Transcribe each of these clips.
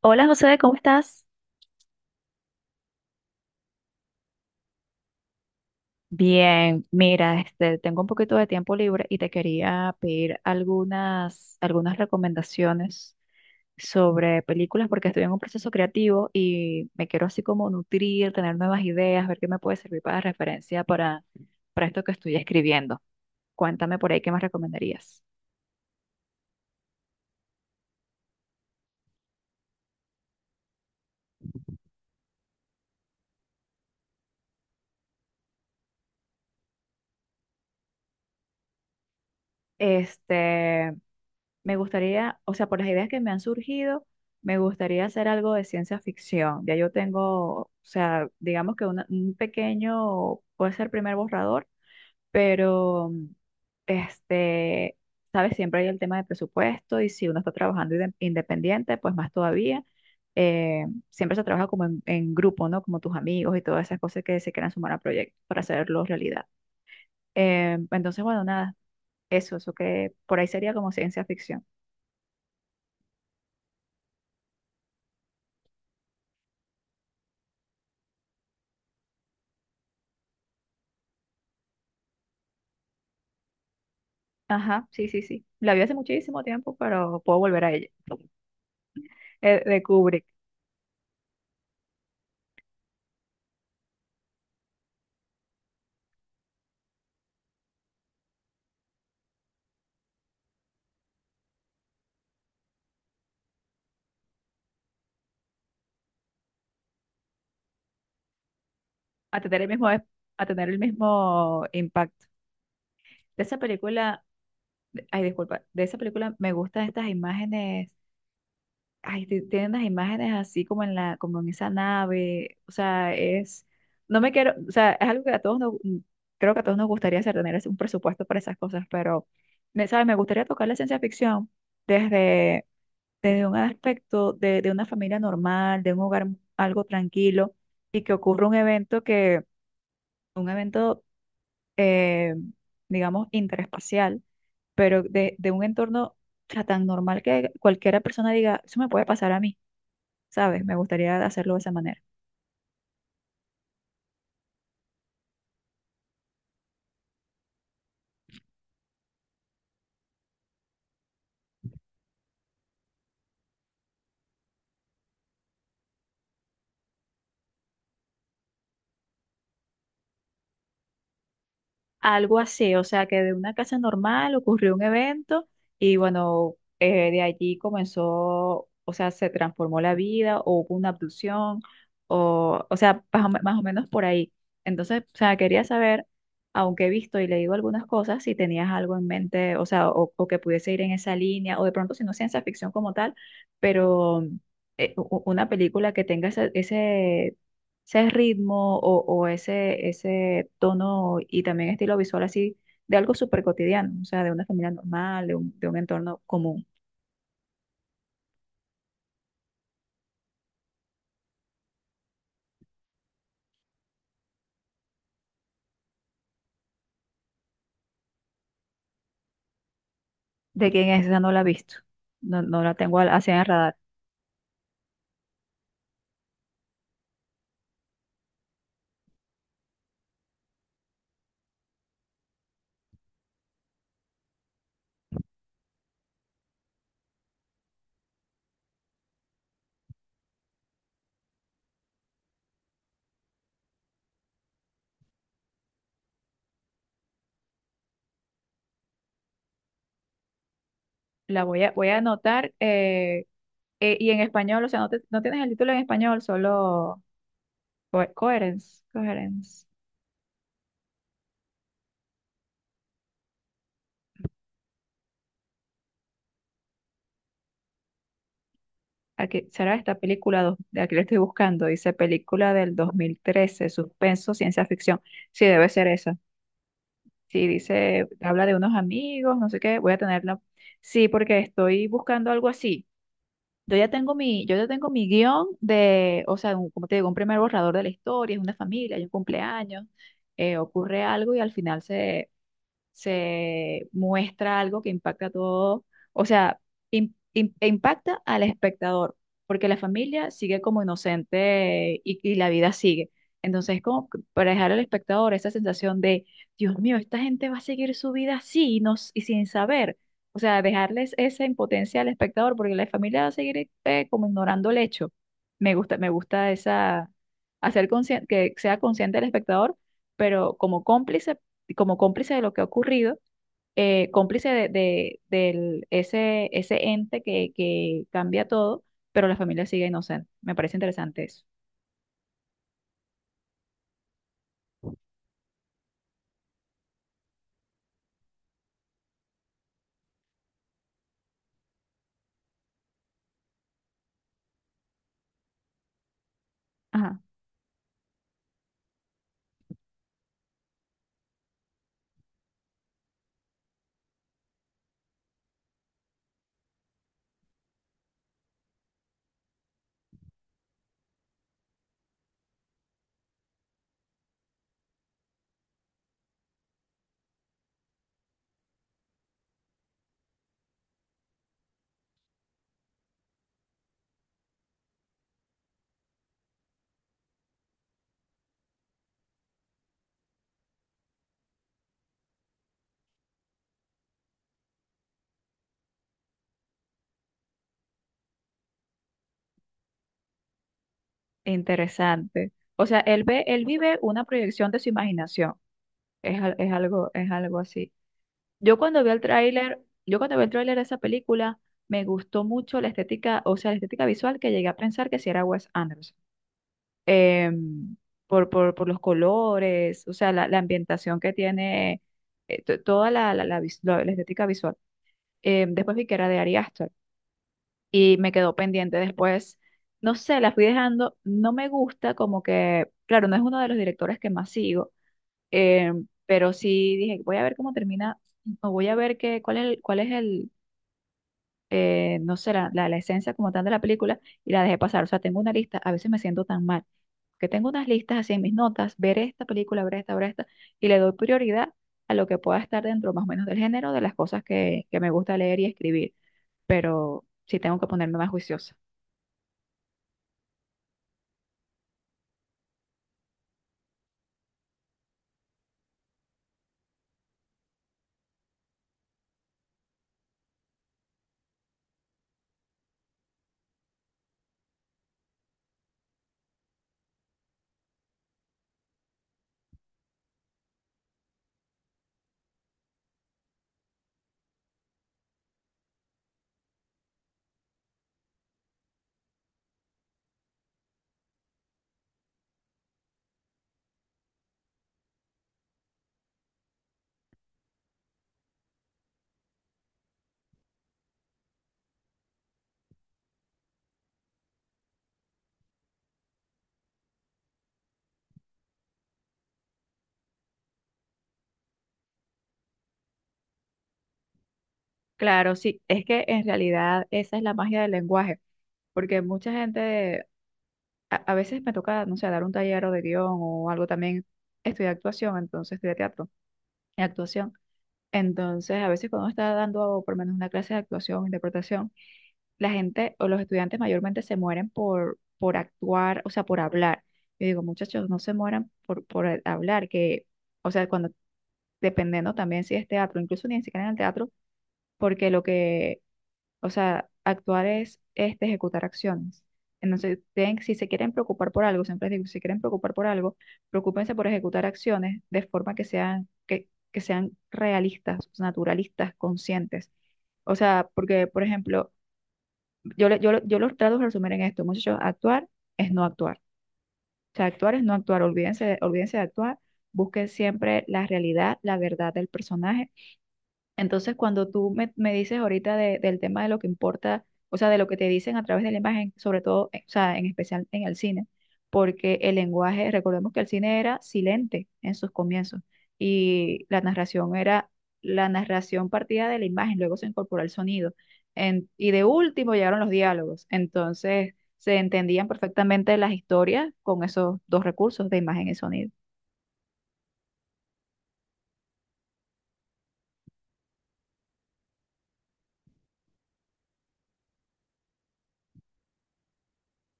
Hola José, ¿cómo estás? Bien, mira, este, tengo un poquito de tiempo libre y te quería pedir algunas recomendaciones sobre películas porque estoy en un proceso creativo y me quiero así como nutrir, tener nuevas ideas, ver qué me puede servir para referencia para esto que estoy escribiendo. Cuéntame por ahí qué más recomendarías. Este, Me gustaría, o sea, por las ideas que me han surgido, me gustaría hacer algo de ciencia ficción. Ya yo tengo, o sea, digamos que un pequeño, puede ser primer borrador, pero este, sabes, siempre hay el tema de presupuesto y si uno está trabajando independiente, pues más todavía. Eh, Siempre se trabaja como en grupo, ¿no? Como tus amigos y todas esas cosas que se quieran sumar a proyectos para hacerlo realidad. Entonces, bueno, nada, eso que por ahí sería como ciencia ficción. Ajá, sí, sí, sí. La vi hace muchísimo tiempo, pero puedo volver a ella. De Kubrick, a tener el mismo, a tener el mismo impacto. De esa película, ay, disculpa, de esa película me gustan estas imágenes, ay, tienen las imágenes así como en como en esa nave, o sea, es, no me quiero, o sea, es algo que a todos nos, creo que a todos nos gustaría hacer, tener un presupuesto para esas cosas, pero, me, ¿sabes? Me gustaría tocar la ciencia ficción desde un aspecto de una familia normal, de un hogar algo tranquilo, y que ocurra un evento que, un evento, eh, digamos, interespacial, pero de un entorno o sea, tan normal que cualquiera persona diga, eso me puede pasar a mí, ¿sabes? Me gustaría hacerlo de esa manera. Algo así, o sea que de una casa normal ocurrió un evento y bueno, de allí comenzó, o sea, se transformó la vida o hubo una abducción o sea, más o, más o menos por ahí. Entonces, o sea, quería saber, aunque he visto y leído algunas cosas, si tenías algo en mente, o sea, o que pudiese ir en esa línea, o de pronto si no es ciencia ficción como tal, pero una película que tenga ese ritmo o ese tono y también estilo visual así de algo súper cotidiano, o sea, de una familia normal, de de un entorno común. ¿De quién es esa? No la he visto, no la tengo así en el radar. La voy voy a anotar y en español, o sea, no, no tienes el título en español, solo Coherence, Coherence. Aquí, será esta película, de aquí la estoy buscando, dice película del 2013, suspenso, ciencia ficción. Sí, debe ser esa. Sí, dice, habla de unos amigos, no sé qué, voy a tenerla. Sí, porque estoy buscando algo así. Yo ya tengo mi guión de, o sea, como te digo, un primer borrador de la historia, es una familia, hay un cumpleaños, ocurre algo y al final se, se muestra algo que impacta a todo, o sea, e impacta al espectador, porque la familia sigue como inocente y la vida sigue. Entonces, como que para dejar al espectador esa sensación de, Dios mío, esta gente va a seguir su vida así no, y sin saber. O sea, dejarles esa impotencia al espectador, porque la familia va a seguir como ignorando el hecho. Me gusta esa, que sea consciente el espectador pero como cómplice de lo que ha ocurrido, cómplice de, ese, ese ente que cambia todo, pero la familia sigue inocente. Me parece interesante eso. Ajá, interesante. O sea, él ve, él vive una proyección de su imaginación. Es algo así. Yo cuando vi el tráiler, yo cuando vi el tráiler de esa película, me gustó mucho la estética, o sea, la estética visual que llegué a pensar que si era Wes Anderson. em, por los colores, o sea, la ambientación que tiene, toda la la estética visual. Después vi que era de Ari Aster y me quedó pendiente después. No sé, la fui dejando, no me gusta como que, claro, no es uno de los directores que más sigo, pero sí dije, voy a ver cómo termina, o voy a ver qué, cuál es el, no sé, la esencia como tal de la película y la dejé pasar. O sea, tengo una lista, a veces me siento tan mal, que tengo unas listas así en mis notas, ver esta película, ver esta, y le doy prioridad a lo que pueda estar dentro más o menos del género de las cosas que me gusta leer y escribir, pero sí tengo que ponerme más juiciosa. Claro, sí, es que en realidad esa es la magia del lenguaje, porque mucha gente, a veces me toca, no sé, dar un taller o de guión o algo también, estudiar actuación, entonces estudiar teatro y actuación. Entonces, a veces cuando uno está dando por lo menos una clase de actuación, interpretación, la gente o los estudiantes mayormente se mueren por actuar, o sea, por hablar. Yo digo, muchachos, no se mueran por el hablar, que, o sea, cuando, dependiendo también si es teatro, incluso ni siquiera en el teatro, porque lo que o sea, actuar es este, ejecutar acciones. Entonces, si se quieren preocupar por algo, siempre les digo, si se quieren preocupar por algo, preocúpense por ejecutar acciones de forma que sean, que sean realistas, naturalistas, conscientes. O sea, porque, por ejemplo, yo los trato de resumir en esto, muchachos, actuar es no actuar. O sea, actuar es no actuar, olvídense olvídense de actuar, busquen siempre la realidad, la verdad del personaje entonces, cuando tú me dices ahorita del tema de lo que importa, o sea, de lo que te dicen a través de la imagen, sobre todo, o sea, en especial en el cine, porque el lenguaje, recordemos que el cine era silente en sus comienzos y la narración era la narración partida de la imagen, luego se incorporó el sonido y de último llegaron los diálogos. Entonces, se entendían perfectamente las historias con esos dos recursos de imagen y sonido.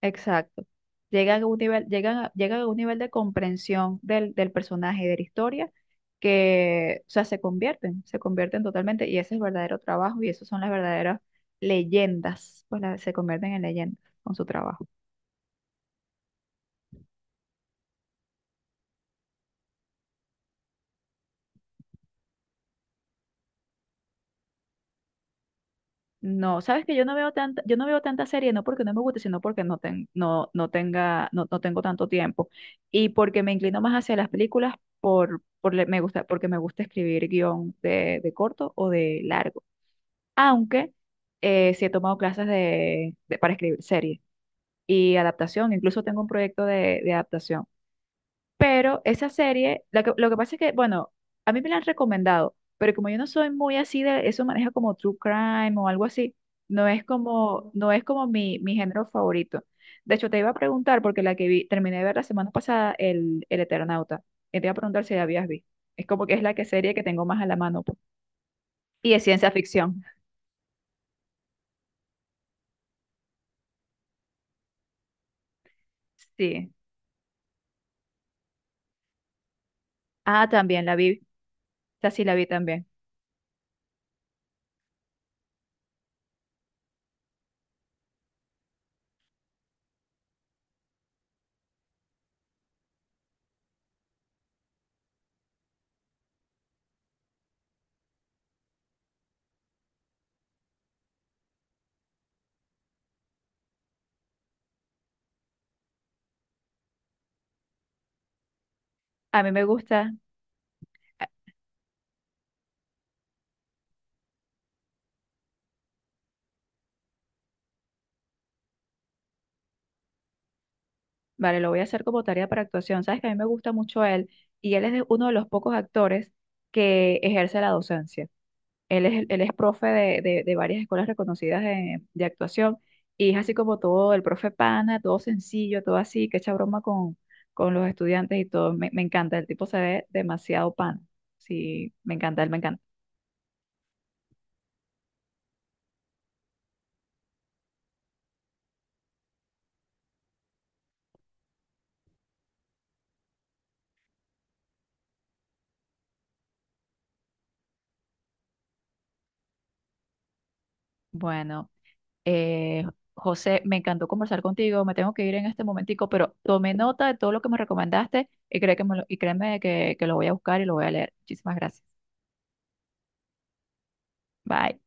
Exacto. Llegan a un nivel, llegan a un nivel de comprensión del personaje, y de la historia, que, o sea, se convierten totalmente, y ese es el verdadero trabajo, y esas son las verdaderas leyendas, pues se convierten en leyendas con su trabajo. No, sabes que yo no veo tanta serie, no porque no me guste, sino porque no, no tenga, no tengo tanto tiempo. Y porque me inclino más hacia las películas me gusta, porque me gusta escribir guión de corto o de largo. Aunque sí he tomado clases para escribir series y adaptación, incluso tengo un proyecto de adaptación. Pero esa serie, lo que pasa es que, bueno, a mí me la han recomendado, pero como yo no soy muy así de eso, maneja como true crime o algo así, no es como mi género favorito. De hecho, te iba a preguntar, porque la que vi, terminé de ver la semana pasada, el Eternauta, y te iba a preguntar si la habías visto. Es como que es la que serie que tengo más a la mano, pues. Y es ciencia ficción. Sí. Ah, también la vi. Sea, sí la vi también. A mí me gusta, a- vale, lo voy a hacer como tarea para actuación. Sabes que a mí me gusta mucho él y él es uno de los pocos actores que ejerce la docencia. Él es profe de, de varias escuelas reconocidas de actuación y es así como todo el profe pana, todo sencillo, todo así, que echa broma con los estudiantes y todo. Me encanta, el tipo se ve demasiado pana. Sí, me encanta, él me encanta. Bueno. Eh, José, me encantó conversar contigo, me tengo que ir en este momentico, pero tomé nota de todo lo que me recomendaste cree que me lo- y créeme que lo voy a buscar y lo voy a leer. Muchísimas gracias. Bye.